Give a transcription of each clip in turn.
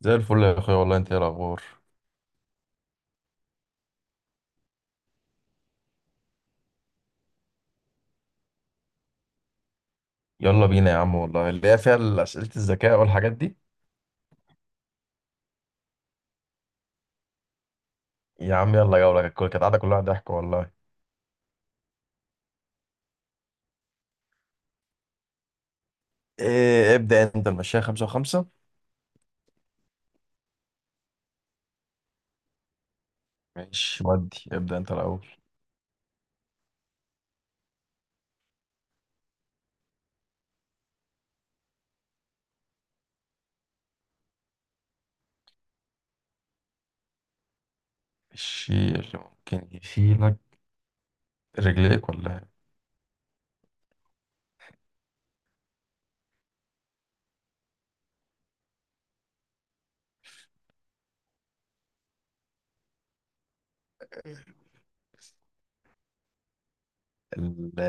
زي الفل يا اخويا والله، انت ايه الاخبار؟ يلا بينا يا عم والله، اللي هي فيها اسئله الذكاء والحاجات دي. يا عم يلا جوله، كانت قاعده كلها ضحك والله. إيه ابدا انت، المشاية خمسة وخمسة. ماشي، ودي ابدا انت الاول. الشيل ممكن يشيلك رجليك ولا إيه؟ ال-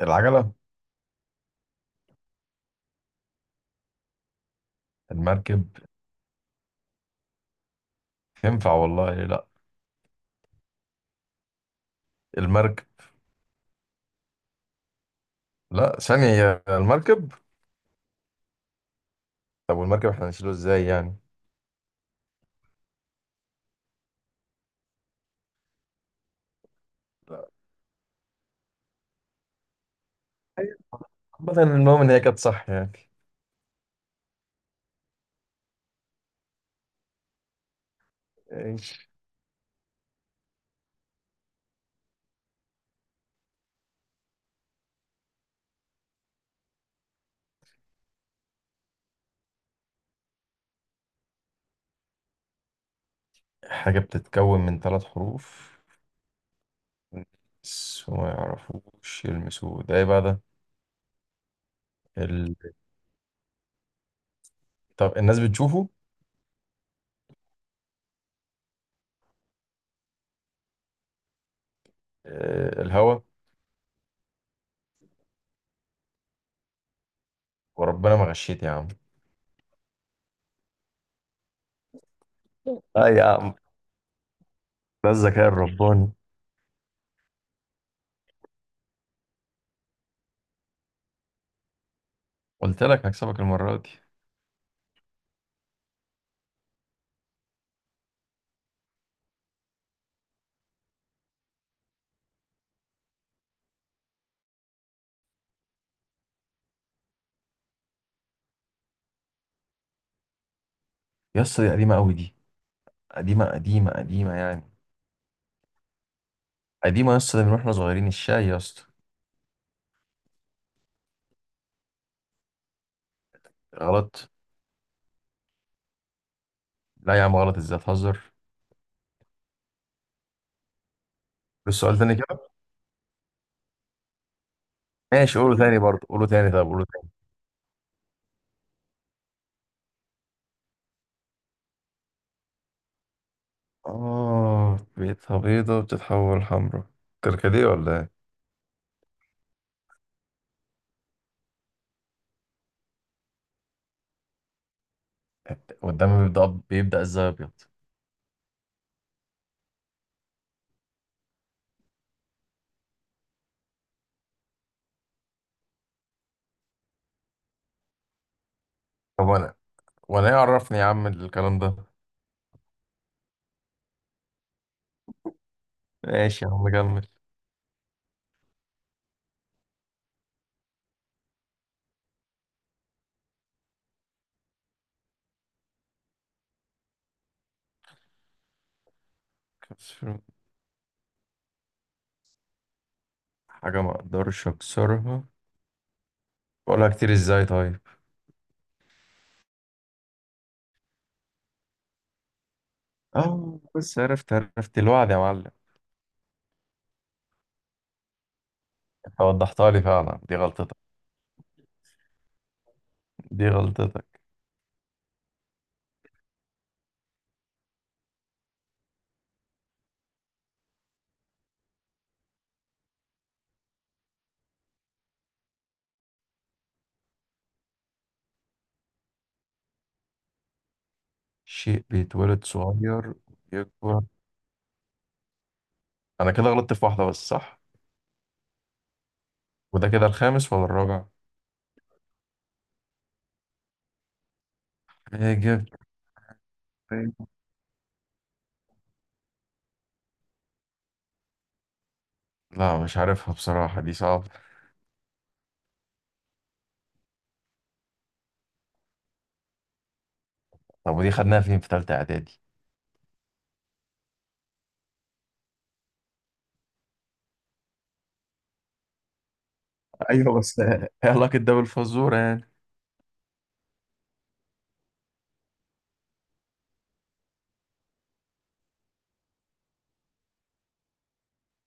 العجله. المركب. تنفع والله، ليه لا. المركب. لا ثانيه، يا المركب. طب والمركب احنا هنشيله ازاي يعني؟ لا. أيوة. عامة المهم ان هي كانت صح يعني. حاجة بتتكون من ثلاث حروف بس ما يعرفوش يلمسوه، ده ايه بقى ده؟ ال... طب الناس بتشوفه؟ آه، الهوا. وربنا ما غشيت يا عم. اه يا عم، ده الذكاء الرباني. قلت لك هكسبك المرة دي. يا اسطى دي قديمة قوي دي، قديمة قديمة قديمة يعني. قديمة يا اسطى، ده من واحنا صغيرين الشاي يا اسطى. غلط. لا يا عم، غلط ازاي تهزر؟ بس سؤال تاني كده. ماشي قوله تاني، برضه قوله تاني، طب قوله تاني. اه بيتها بيضة بتتحول حمرا، كركديه ولا إيه؟ قدامي بيبدأ ازاي ابيض؟ طب وانا ايه، عرفني يا عم الكلام ده. ماشي يا عم كمل. حاجة ما اقدرش اكسرها بقولها كتير، ازاي طيب؟ اه بس، عرفت عرفت الوعد يا معلم. انت وضحتها لي فعلا، دي غلطتك. دي غلطتك. شيء بيتولد صغير ويكبر. انا كده غلطت في واحدة بس صح، وده كده الخامس ولا الرابع؟ ايه جبت. لا مش عارفها بصراحة، دي صعبة. طب ودي خدناها فين في تالتة اعدادي؟ ايوه بس ايه علاقة ده بالفزورة يعني؟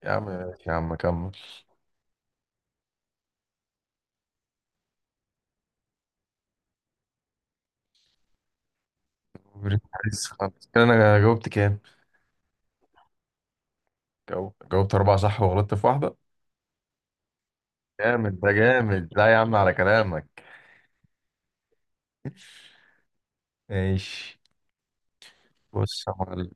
يا عم ماشي يا عم كمل. بريك عايز خالص كده، انا جاوبت كام؟ جاوبت اربعة صح وغلطت في واحدة. جامد ده جامد، لا يا عم على كلامك. ماشي. بص يا معلم.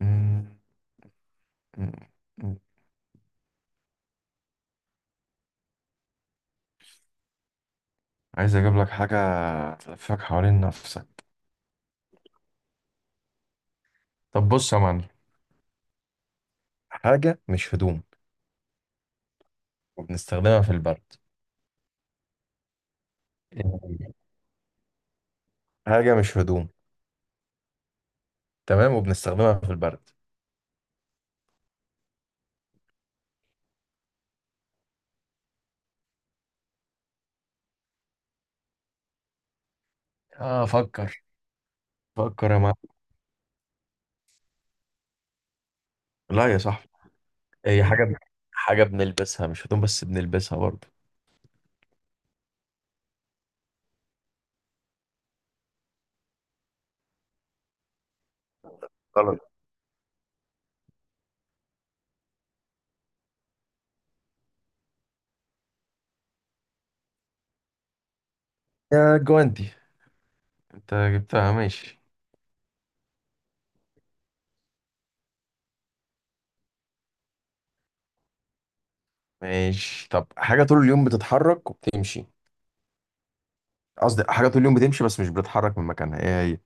مم، مم، مم. عايز اجيب لك حاجة تلفك حوالين نفسك. طب بص يا معلم. حاجة مش هدوم وبنستخدمها في البرد، إيه هي؟ حاجة مش هدوم، تمام، وبنستخدمها في البرد. اه فكر. فكر يا معلم. لا يا صاحبي. هي حاجة، حاجة بنلبسها مش هدوم بس بنلبسها برضه. غلط. يا جواندي انت جبتها. ماشي ماشي. طب حاجة طول اليوم بتتحرك وبتمشي، قصدي حاجة طول اليوم بتمشي بس مش بتتحرك من مكانها، ايه هي؟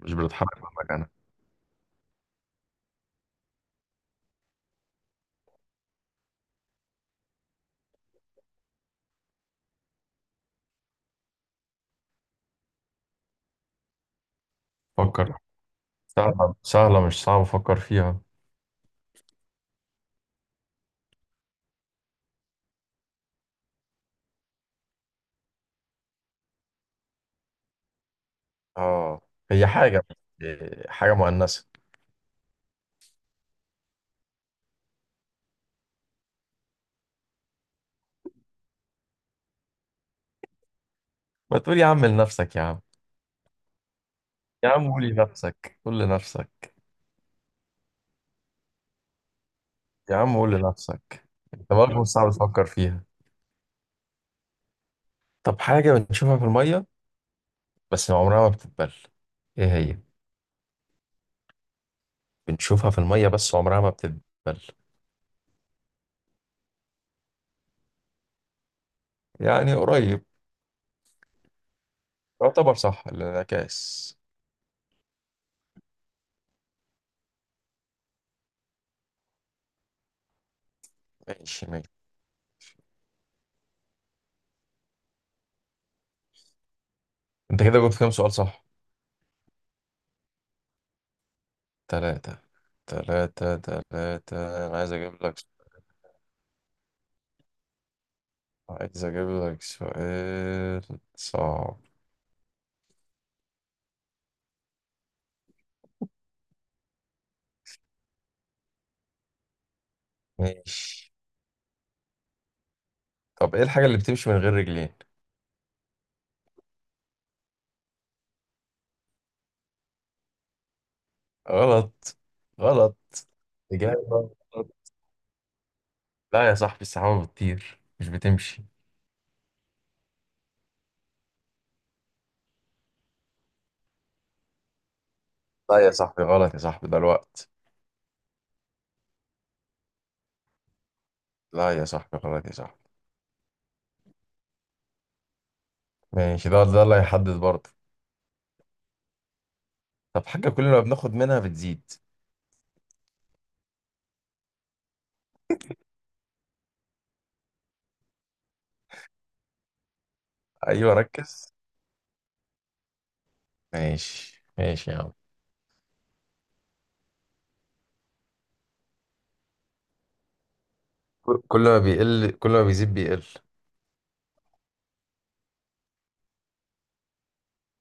مش بتتحرك من مكانها. فكر. سهلة سهلة، مش صعب أفكر فيها. اه هي حاجة، إيه، حاجة مؤنثة. ما تقول يا عم لنفسك يا عم. يا عم قول لنفسك قول لنفسك. يا عم قول لنفسك. أنت برضه مش صعب تفكر فيها. طب حاجة بنشوفها في المية بس عمرها ما بتتبل، إيه هي؟ بنشوفها في المية بس عمرها ما بتتبل. يعني قريب. يعتبر صح الانعكاس. ماشي ماشي. انت كده جبت كام سؤال صح؟ تلاتة. تلاتة تلاتة، انا عايز اجيب لك. عايز اجيب لك سؤال صعب. ماشي. طب ايه الحاجة اللي بتمشي من غير رجلين؟ غلط. غلط. إجابة غلط. لا يا صاحبي السحابة بتطير مش بتمشي. لا يا صاحبي غلط يا صاحبي ده الوقت. لا يا صاحبي غلط يا صاحبي. ماشي، ده اللي هيحدد برضه. طب حاجة كل ما بناخد منها بتزيد. ايوه ركز. ماشي ماشي يا عم. كل ما بيزيد بيقل.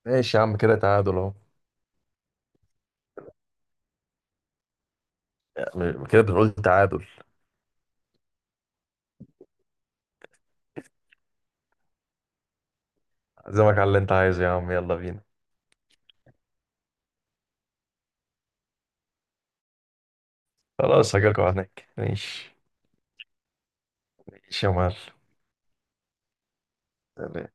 ماشي يا عم كده تعادل اهو. كده بنقول تعادل. عزمك على اللي انت عايزه يا عم، يلا بينا. خلاص هجيلكوا هناك ماشي. ماشي يا معلم. سلام.